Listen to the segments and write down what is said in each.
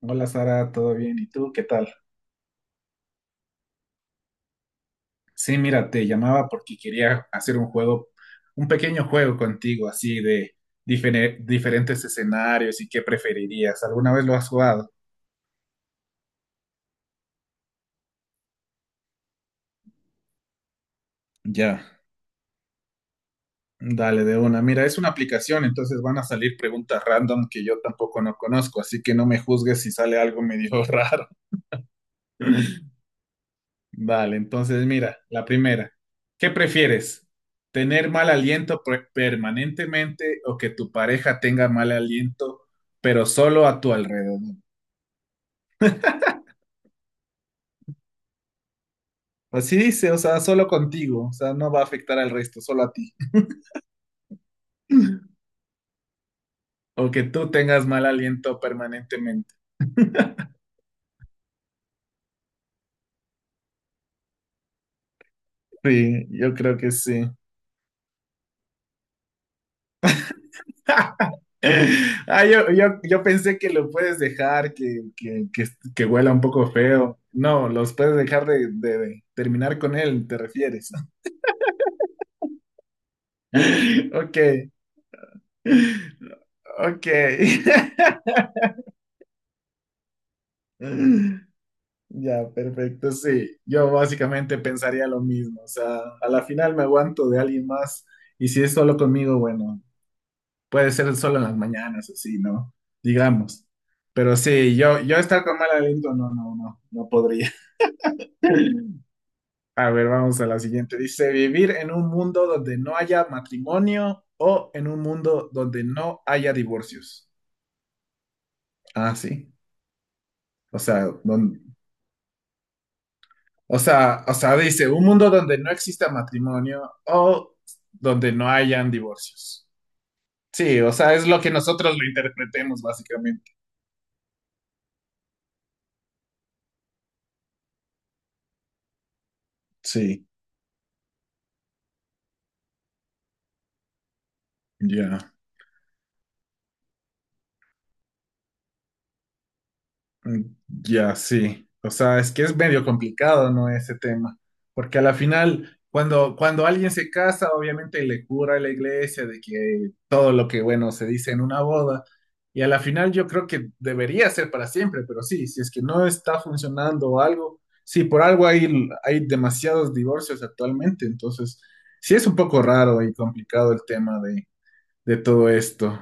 Hola Sara, ¿todo bien? ¿Y tú qué tal? Sí, mira, te llamaba porque quería hacer un juego, un pequeño juego contigo, así de diferentes escenarios y qué preferirías. ¿Alguna vez lo has jugado? Ya, dale de una. Mira, es una aplicación, entonces van a salir preguntas random que yo tampoco no conozco, así que no me juzgues si sale algo medio raro. Vale, entonces mira, la primera. ¿Qué prefieres? ¿Tener mal aliento permanentemente o que tu pareja tenga mal aliento, pero solo a tu alrededor? Así dice, o sea, solo contigo, o sea, no va a afectar al resto, solo a ti. O que tú tengas mal aliento permanentemente. Sí, yo creo que sí. Ah, yo pensé que lo puedes dejar, que huela un poco feo. No, los puedes dejar de terminar con él, ¿te refieres? Ok, ok. Ya, perfecto, sí. Yo básicamente pensaría lo mismo. O sea, a la final me aguanto de alguien más y si es solo conmigo, bueno, puede ser solo en las mañanas, así, ¿no? Digamos. Pero sí, yo estar con mal aliento, no, no, no, no podría. A ver, vamos a la siguiente. Dice, vivir en un mundo donde no haya matrimonio o en un mundo donde no haya divorcios. Ah, sí. O sea, don- o sea, dice, un mundo donde no exista matrimonio o donde no hayan divorcios. Sí, o sea, es lo que nosotros lo interpretemos básicamente. Sí, ya. Ya, sí. O sea, es que es medio complicado, ¿no? Ese tema. Porque a la final, cuando alguien se casa, obviamente le cura a la iglesia de que todo lo que, bueno, se dice en una boda. Y a la final yo creo que debería ser para siempre, pero sí, si es que no está funcionando o algo, sí, por algo hay, hay demasiados divorcios actualmente. Entonces, sí es un poco raro y complicado el tema de todo esto.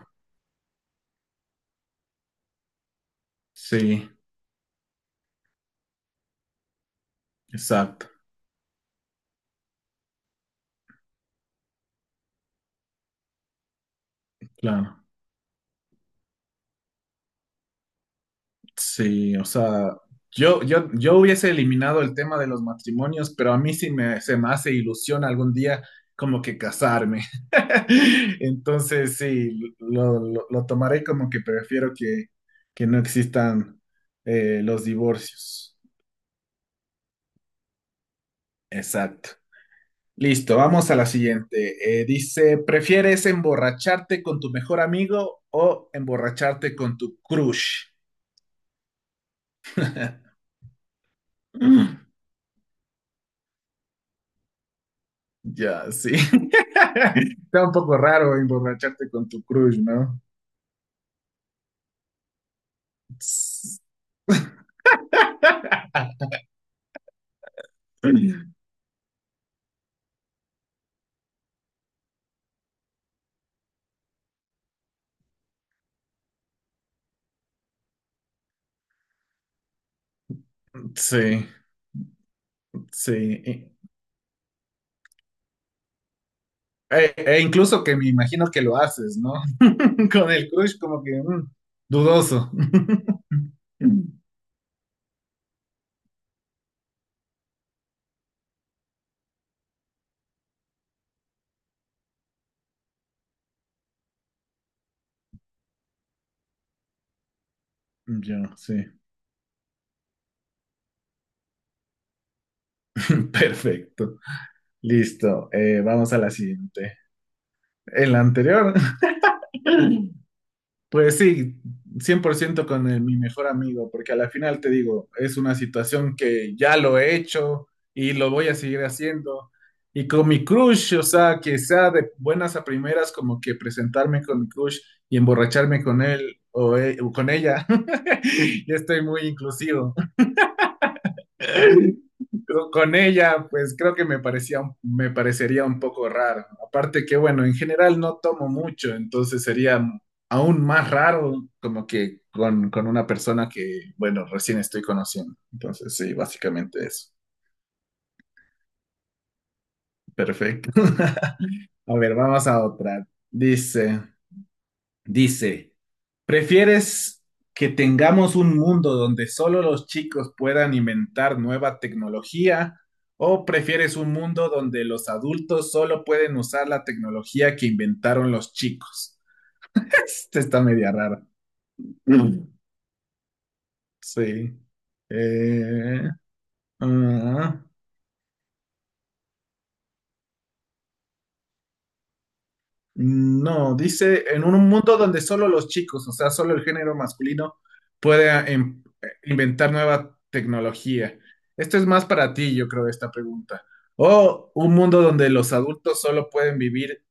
Sí, exacto, claro. Sí, o sea, yo hubiese eliminado el tema de los matrimonios, pero a mí sí me, se me hace ilusión algún día como que casarme. Entonces, sí, lo tomaré como que prefiero que no existan los divorcios. Exacto. Listo, vamos a la siguiente. Dice, ¿prefieres emborracharte con tu mejor amigo o emborracharte con tu crush? Ya, sí. Está un poco raro emborracharte con tu crush, ¿no? Sí, sí. E incluso que me imagino que lo haces, ¿no? Con el crush como que mm, dudoso. Ya, sí. Perfecto. Listo. Vamos a la siguiente. En la anterior pues sí, 100% con mi mejor amigo, porque a la final te digo, es una situación que ya lo he hecho y lo voy a seguir haciendo. Y con mi crush, o sea, que sea de buenas a primeras, como que presentarme con mi crush y emborracharme con él o con ella. Ya estoy muy inclusivo. con ella, pues creo que me parecería un poco raro. Aparte que, bueno, en general no tomo mucho, entonces sería aún más raro como que con una persona que, bueno, recién estoy conociendo. Entonces, sí, básicamente eso. Perfecto. A ver, vamos a otra. Dice, ¿prefieres que tengamos un mundo donde solo los chicos puedan inventar nueva tecnología o prefieres un mundo donde los adultos solo pueden usar la tecnología que inventaron los chicos? Esta está media rara. Mm. Sí. Eh, ah. No, dice en un mundo donde solo los chicos, o sea, solo el género masculino, puede inventar nueva tecnología. Esto es más para ti, yo creo, esta pregunta. O un mundo donde los adultos solo pueden vivir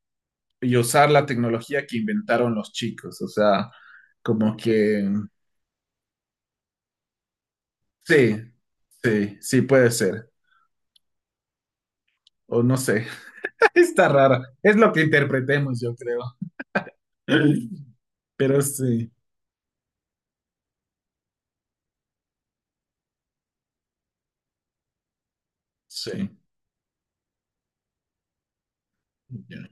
y usar la tecnología que inventaron los chicos. O sea, como que sí, sí puede ser. O no sé, está rara. Es lo que interpretemos, yo creo. Pero sí, sí. Ya.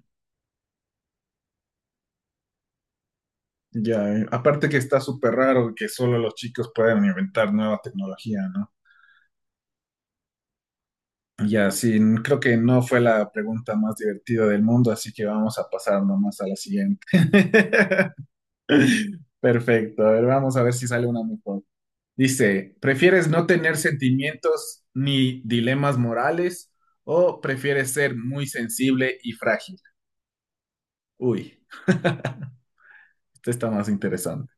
Ya, aparte que está súper raro que solo los chicos puedan inventar nueva tecnología, ¿no? Ya, sí, creo que no fue la pregunta más divertida del mundo, así que vamos a pasar nomás a la siguiente. Perfecto, a ver, vamos a ver si sale una mejor. Dice, ¿prefieres no tener sentimientos ni dilemas morales o prefieres ser muy sensible y frágil? Uy, esto está más interesante.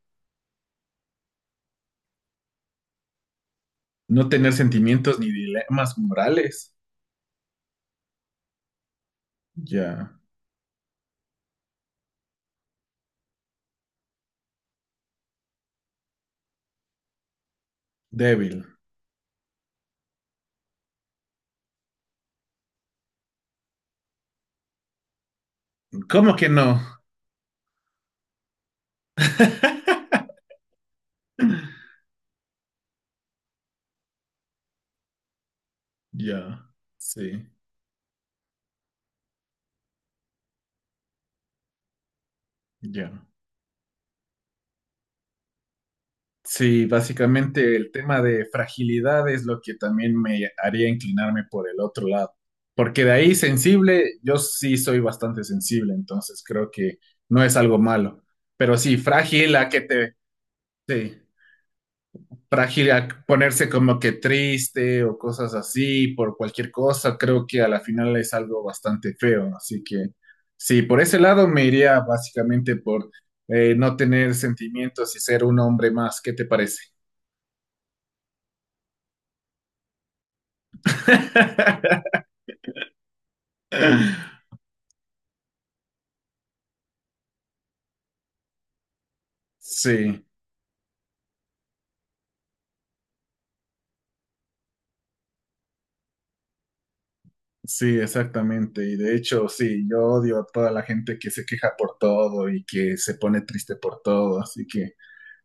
No tener sentimientos ni dilemas morales. Ya, débil. ¿Cómo que no? Ya, sí, ya. Sí, básicamente el tema de fragilidad es lo que también me haría inclinarme por el otro lado. Porque de ahí sensible, yo sí soy bastante sensible, entonces creo que no es algo malo. Pero sí, frágil a que te... Sí. Frágil a ponerse como que triste o cosas así por cualquier cosa, creo que a la final es algo bastante feo. Así que sí, por ese lado me iría básicamente por no tener sentimientos y ser un hombre más. ¿Qué te parece? Sí, sí, exactamente. Y de hecho, sí, yo odio a toda la gente que se queja por todo y que se pone triste por todo. Así que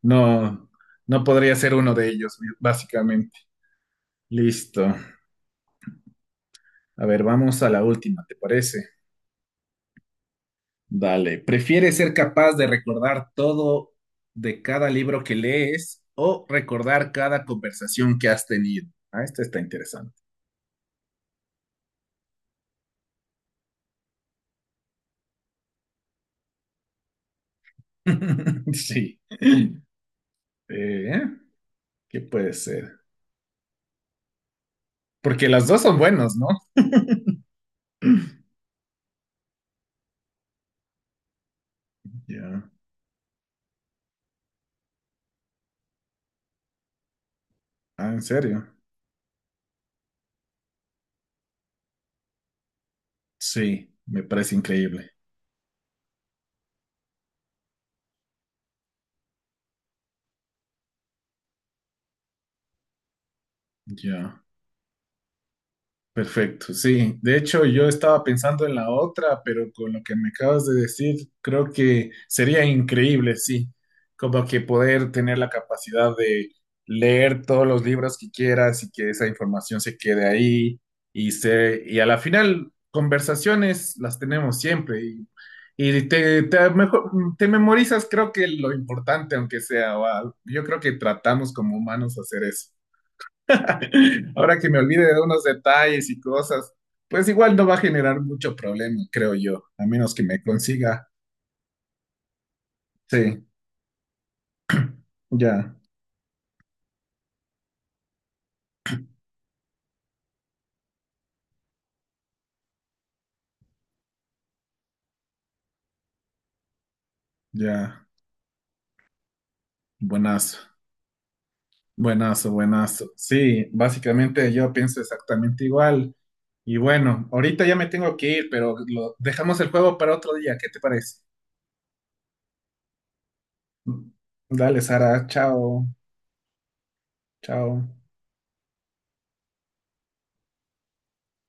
no, no podría ser uno de ellos, básicamente. Listo. A ver, vamos a la última, ¿te parece? Dale. ¿Prefieres ser capaz de recordar todo de cada libro que lees o recordar cada conversación que has tenido? Ah, esta está interesante. Sí. Eh, ¿Qué puede ser? Porque las dos son buenos, ¿no? Ya. Ah, ¿en serio? Sí, me parece increíble. Ya. Perfecto, sí. De hecho, yo estaba pensando en la otra, pero con lo que me acabas de decir, creo que sería increíble, sí. Como que poder tener la capacidad de leer todos los libros que quieras y que esa información se quede ahí y a la final, conversaciones las tenemos siempre y te, te, mejor- te memorizas, creo que lo importante, aunque sea, yo creo que tratamos como humanos hacer eso. Ahora que me olvide de unos detalles y cosas, pues igual no va a generar mucho problema, creo yo, a menos que me consiga. Sí, ya, ya. Buenazo, buenazo, buenazo. Sí, básicamente yo pienso exactamente igual. Y bueno, ahorita ya me tengo que ir, pero dejamos el juego para otro día. ¿Qué te parece? Dale, Sara, chao, chao.